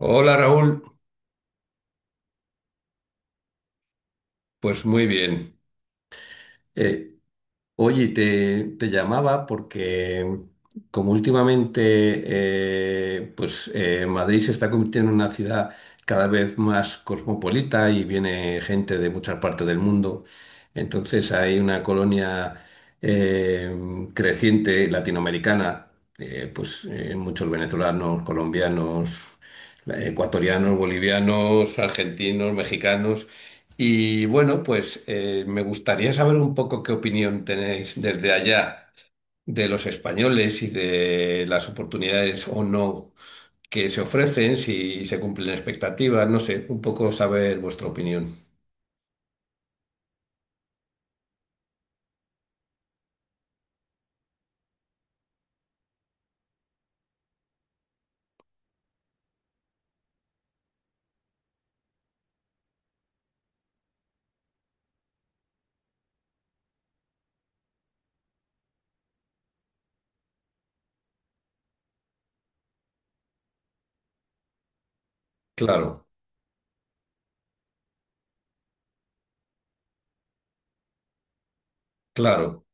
Hola, Raúl, pues muy bien. Eh, oye, te llamaba porque como últimamente Madrid se está convirtiendo en una ciudad cada vez más cosmopolita y viene gente de muchas partes del mundo, entonces hay una colonia eh, creciente latinoamericana, muchos venezolanos, colombianos, ecuatorianos, bolivianos, argentinos, mexicanos. Y bueno, pues me gustaría saber un poco qué opinión tenéis desde allá de los españoles y de las oportunidades o no que se ofrecen, si se cumplen expectativas, no sé, un poco saber vuestra opinión. Claro, claro.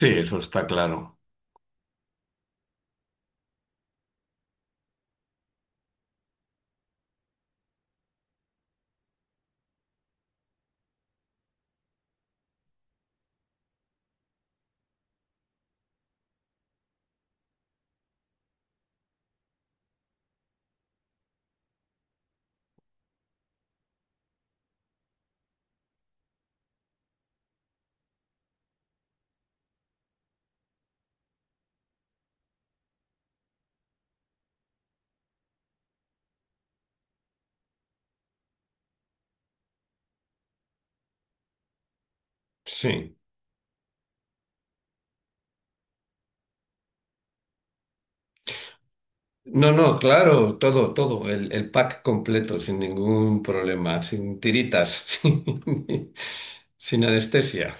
Sí, eso está claro. Sí. No, no, claro, todo, todo, el pack completo, sin ningún problema, sin tiritas, sin sin anestesia.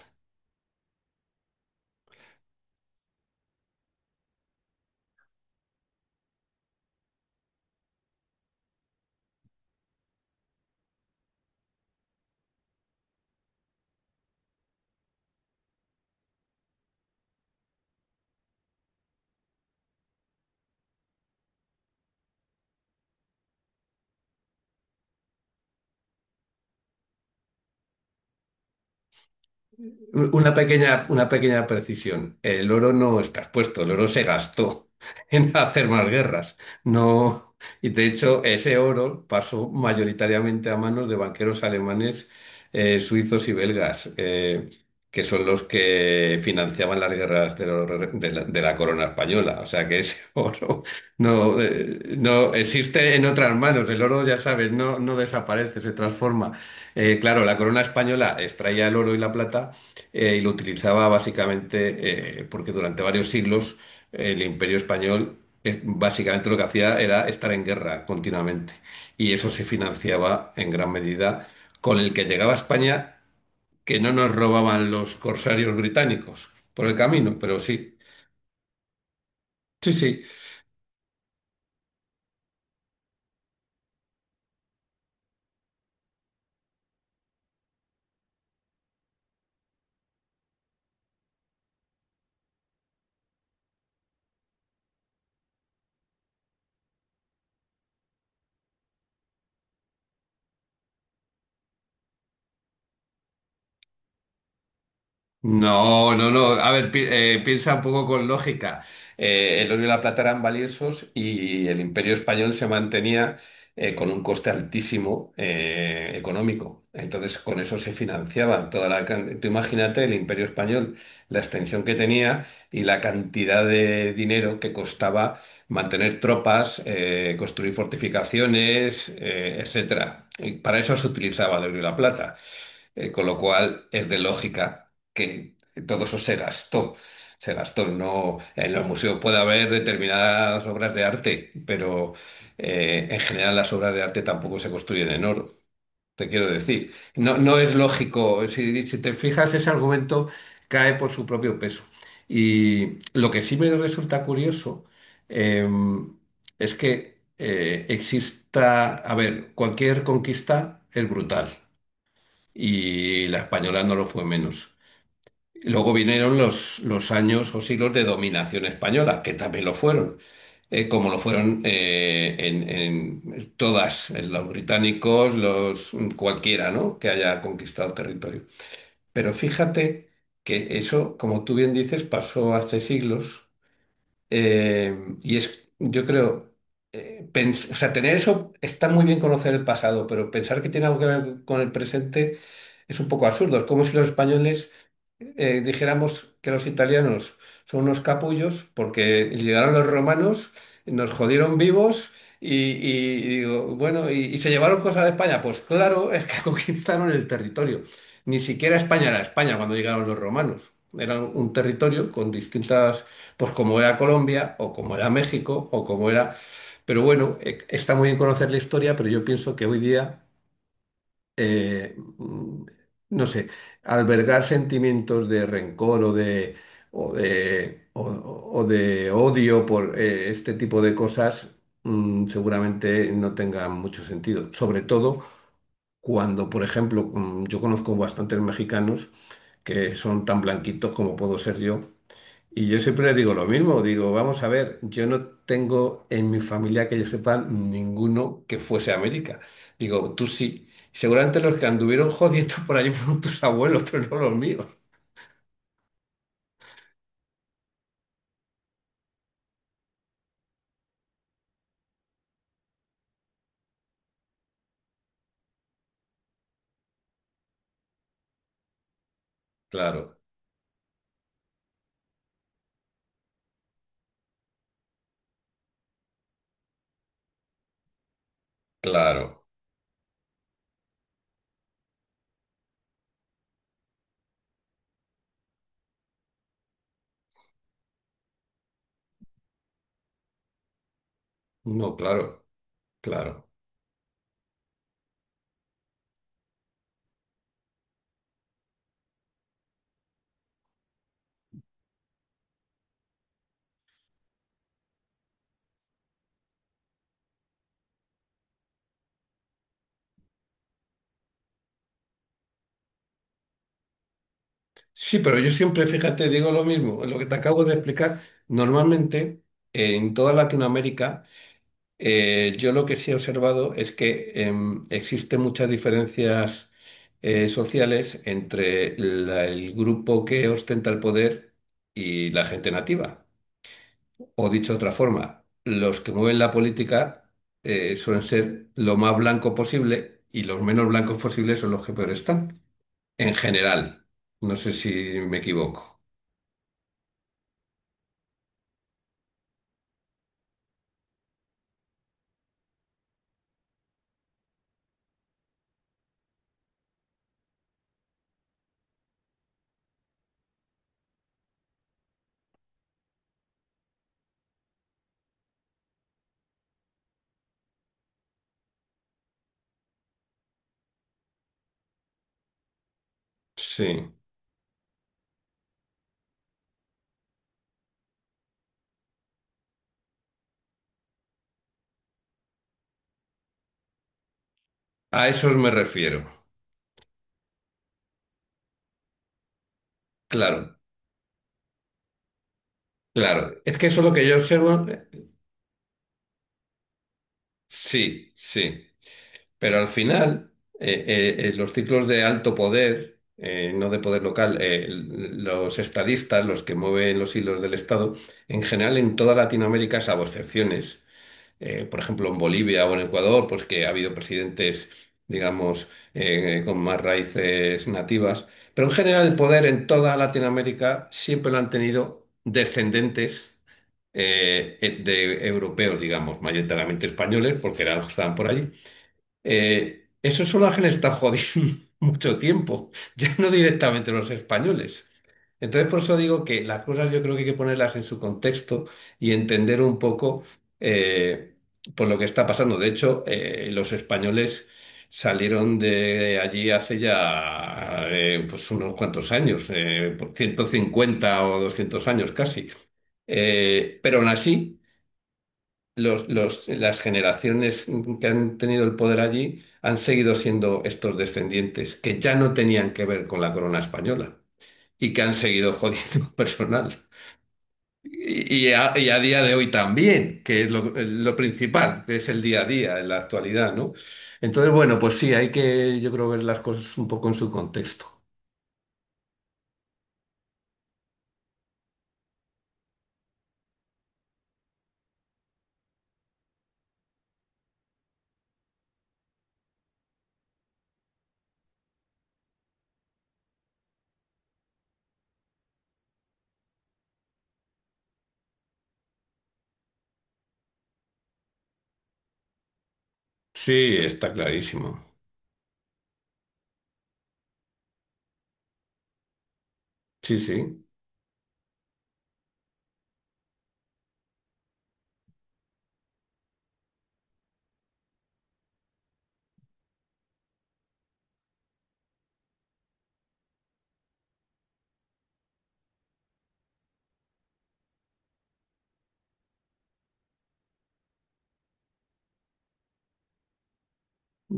Una pequeña precisión. El oro no está expuesto, el oro se gastó en hacer más guerras. No, y de hecho, ese oro pasó mayoritariamente a manos de banqueros alemanes, suizos y belgas, que son los que financiaban las guerras de, de la corona española. O sea que ese oro no, no existe en otras manos. El oro, ya sabes, no, no desaparece, se transforma. Claro, la corona española extraía el oro y la plata y lo utilizaba básicamente porque durante varios siglos el imperio español básicamente lo que hacía era estar en guerra continuamente y eso se financiaba en gran medida con el que llegaba a España que no nos robaban los corsarios británicos por el camino, pero sí, sí, sí. No, no, no. A ver, piensa un poco con lógica. El oro y la plata eran valiosos y el Imperio Español se mantenía con un coste altísimo económico. Entonces, con eso se financiaba tú imagínate el Imperio Español, la extensión que tenía y la cantidad de dinero que costaba mantener tropas, construir fortificaciones, etcétera. Y para eso se utilizaba el oro y la plata. Con lo cual es de lógica que todo eso se gastó. Se gastó, no, en los museos puede haber determinadas obras de arte, pero en general las obras de arte tampoco se construyen en oro. Te quiero decir, no, no es lógico, si, si te fijas, ese argumento cae por su propio peso. Y lo que sí me resulta curioso em, es que exista, a ver, cualquier conquista es brutal y la española no lo fue menos. Luego vinieron los años o siglos de dominación española, que también lo fueron, como lo fueron en todas, en los británicos, los cualquiera, ¿no? que haya conquistado territorio. Pero fíjate que eso, como tú bien dices, pasó hace siglos eh, y es, yo creo, o sea, tener eso está muy bien conocer el pasado, pero pensar que tiene algo que ver con el presente es un poco absurdo. Es como si los españoles dijéramos que los italianos son unos capullos porque llegaron los romanos, nos jodieron vivos y digo, bueno, y se llevaron cosas de España. Pues claro, es que conquistaron el territorio. Ni siquiera España era España cuando llegaron los romanos. Era un territorio con distintas, pues como era Colombia o como era México o como era... Pero bueno, está muy bien conocer la historia, pero yo pienso que hoy día eh, mm, no sé, albergar sentimientos de rencor o de, o de, o de odio por este tipo de cosas, mm, seguramente no tenga mucho sentido. Sobre todo cuando, por ejemplo, mm, yo conozco bastantes mexicanos que son tan blanquitos como puedo ser yo y yo siempre les digo lo mismo, digo, vamos a ver, yo no tengo en mi familia que yo sepa ninguno que fuese a América. Digo, tú sí. Seguramente los que anduvieron jodiendo por allí fueron tus abuelos, pero no los míos. Claro, claro. No, claro, claro. Sí, pero yo siempre, fíjate, digo lo mismo, lo que te acabo de explicar. Normalmente, en toda Latinoamérica, yo lo que sí he observado es que existen muchas diferencias sociales entre el grupo que ostenta el poder y la gente nativa. O dicho de otra forma, los que mueven la política suelen ser lo más blanco posible y los menos blancos posibles son los que peor están. En general, no sé si me equivoco. Sí, a eso me refiero. Claro, claro. Es que eso es lo que yo observo. Sí, sí. Pero al final, eh, los ciclos de alto poder, no de poder local, los estadistas, los que mueven los hilos del Estado, en general en toda Latinoamérica, salvo excepciones, por ejemplo en Bolivia o en Ecuador, pues que ha habido presidentes, digamos, con más raíces nativas, pero en general el poder en toda Latinoamérica siempre lo han tenido descendentes de europeos, digamos, mayoritariamente españoles, porque eran los que estaban por allí esos solajes están jodiendo mucho tiempo, ya no directamente los españoles. Entonces, por eso digo que las cosas yo creo que hay que ponerlas en su contexto y entender un poco eh, por lo que está pasando. De hecho, los españoles salieron de allí hace ya pues unos cuantos años, por 150 o 200 años casi. Pero aún así las generaciones que han tenido el poder allí han seguido siendo estos descendientes que ya no tenían que ver con la corona española y que han seguido jodiendo personal. Y a día de hoy también, que es lo principal, que es el día a día, en la actualidad, ¿no? Entonces, bueno, pues sí, hay que, yo creo, ver las cosas un poco en su contexto. Sí, está clarísimo. Sí, sí.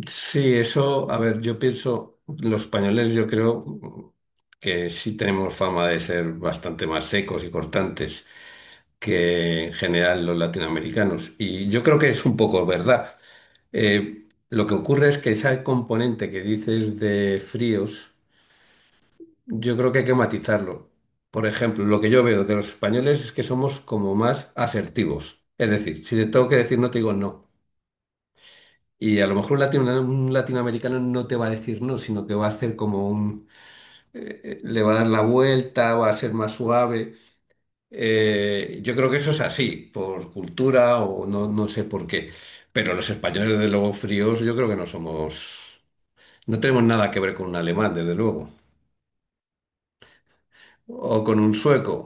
Sí, eso, a ver, yo pienso, los españoles yo creo que sí tenemos fama de ser bastante más secos y cortantes que en general los latinoamericanos. Y yo creo que es un poco verdad. Lo que ocurre es que ese componente que dices de fríos, yo creo que hay que matizarlo. Por ejemplo, lo que yo veo de los españoles es que somos como más asertivos. Es decir, si te tengo que decir no, te digo no. Y a lo mejor un, un latinoamericano no te va a decir no, sino que va a hacer como un... le va a dar la vuelta, va a ser más suave. Yo creo que eso es así, por cultura o no, no sé por qué. Pero los españoles, desde luego, fríos, yo creo que no somos... No tenemos nada que ver con un alemán, desde luego. O con un sueco.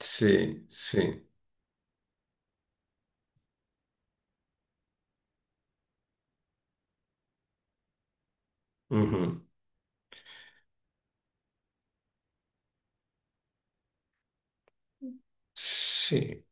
Sí, sí. Ujú. Sí.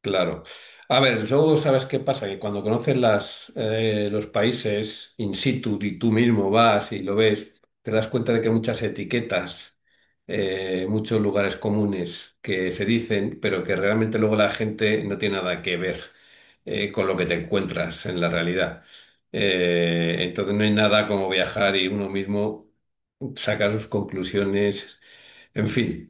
Claro. A ver, luego sabes qué pasa, que cuando conoces las, los países in situ y tú mismo vas y lo ves, te das cuenta de que muchas etiquetas, muchos lugares comunes que se dicen, pero que realmente luego la gente no tiene nada que ver, con lo que te encuentras en la realidad. Entonces no hay nada como viajar y uno mismo saca sus conclusiones, en fin.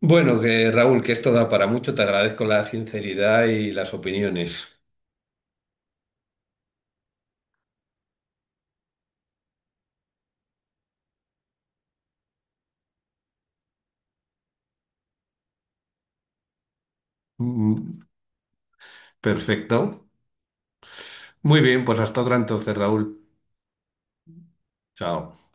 Bueno, que Raúl, que esto da para mucho, te agradezco la sinceridad y las opiniones. Mm. Perfecto. Muy bien, pues hasta otra entonces, Raúl. Chao.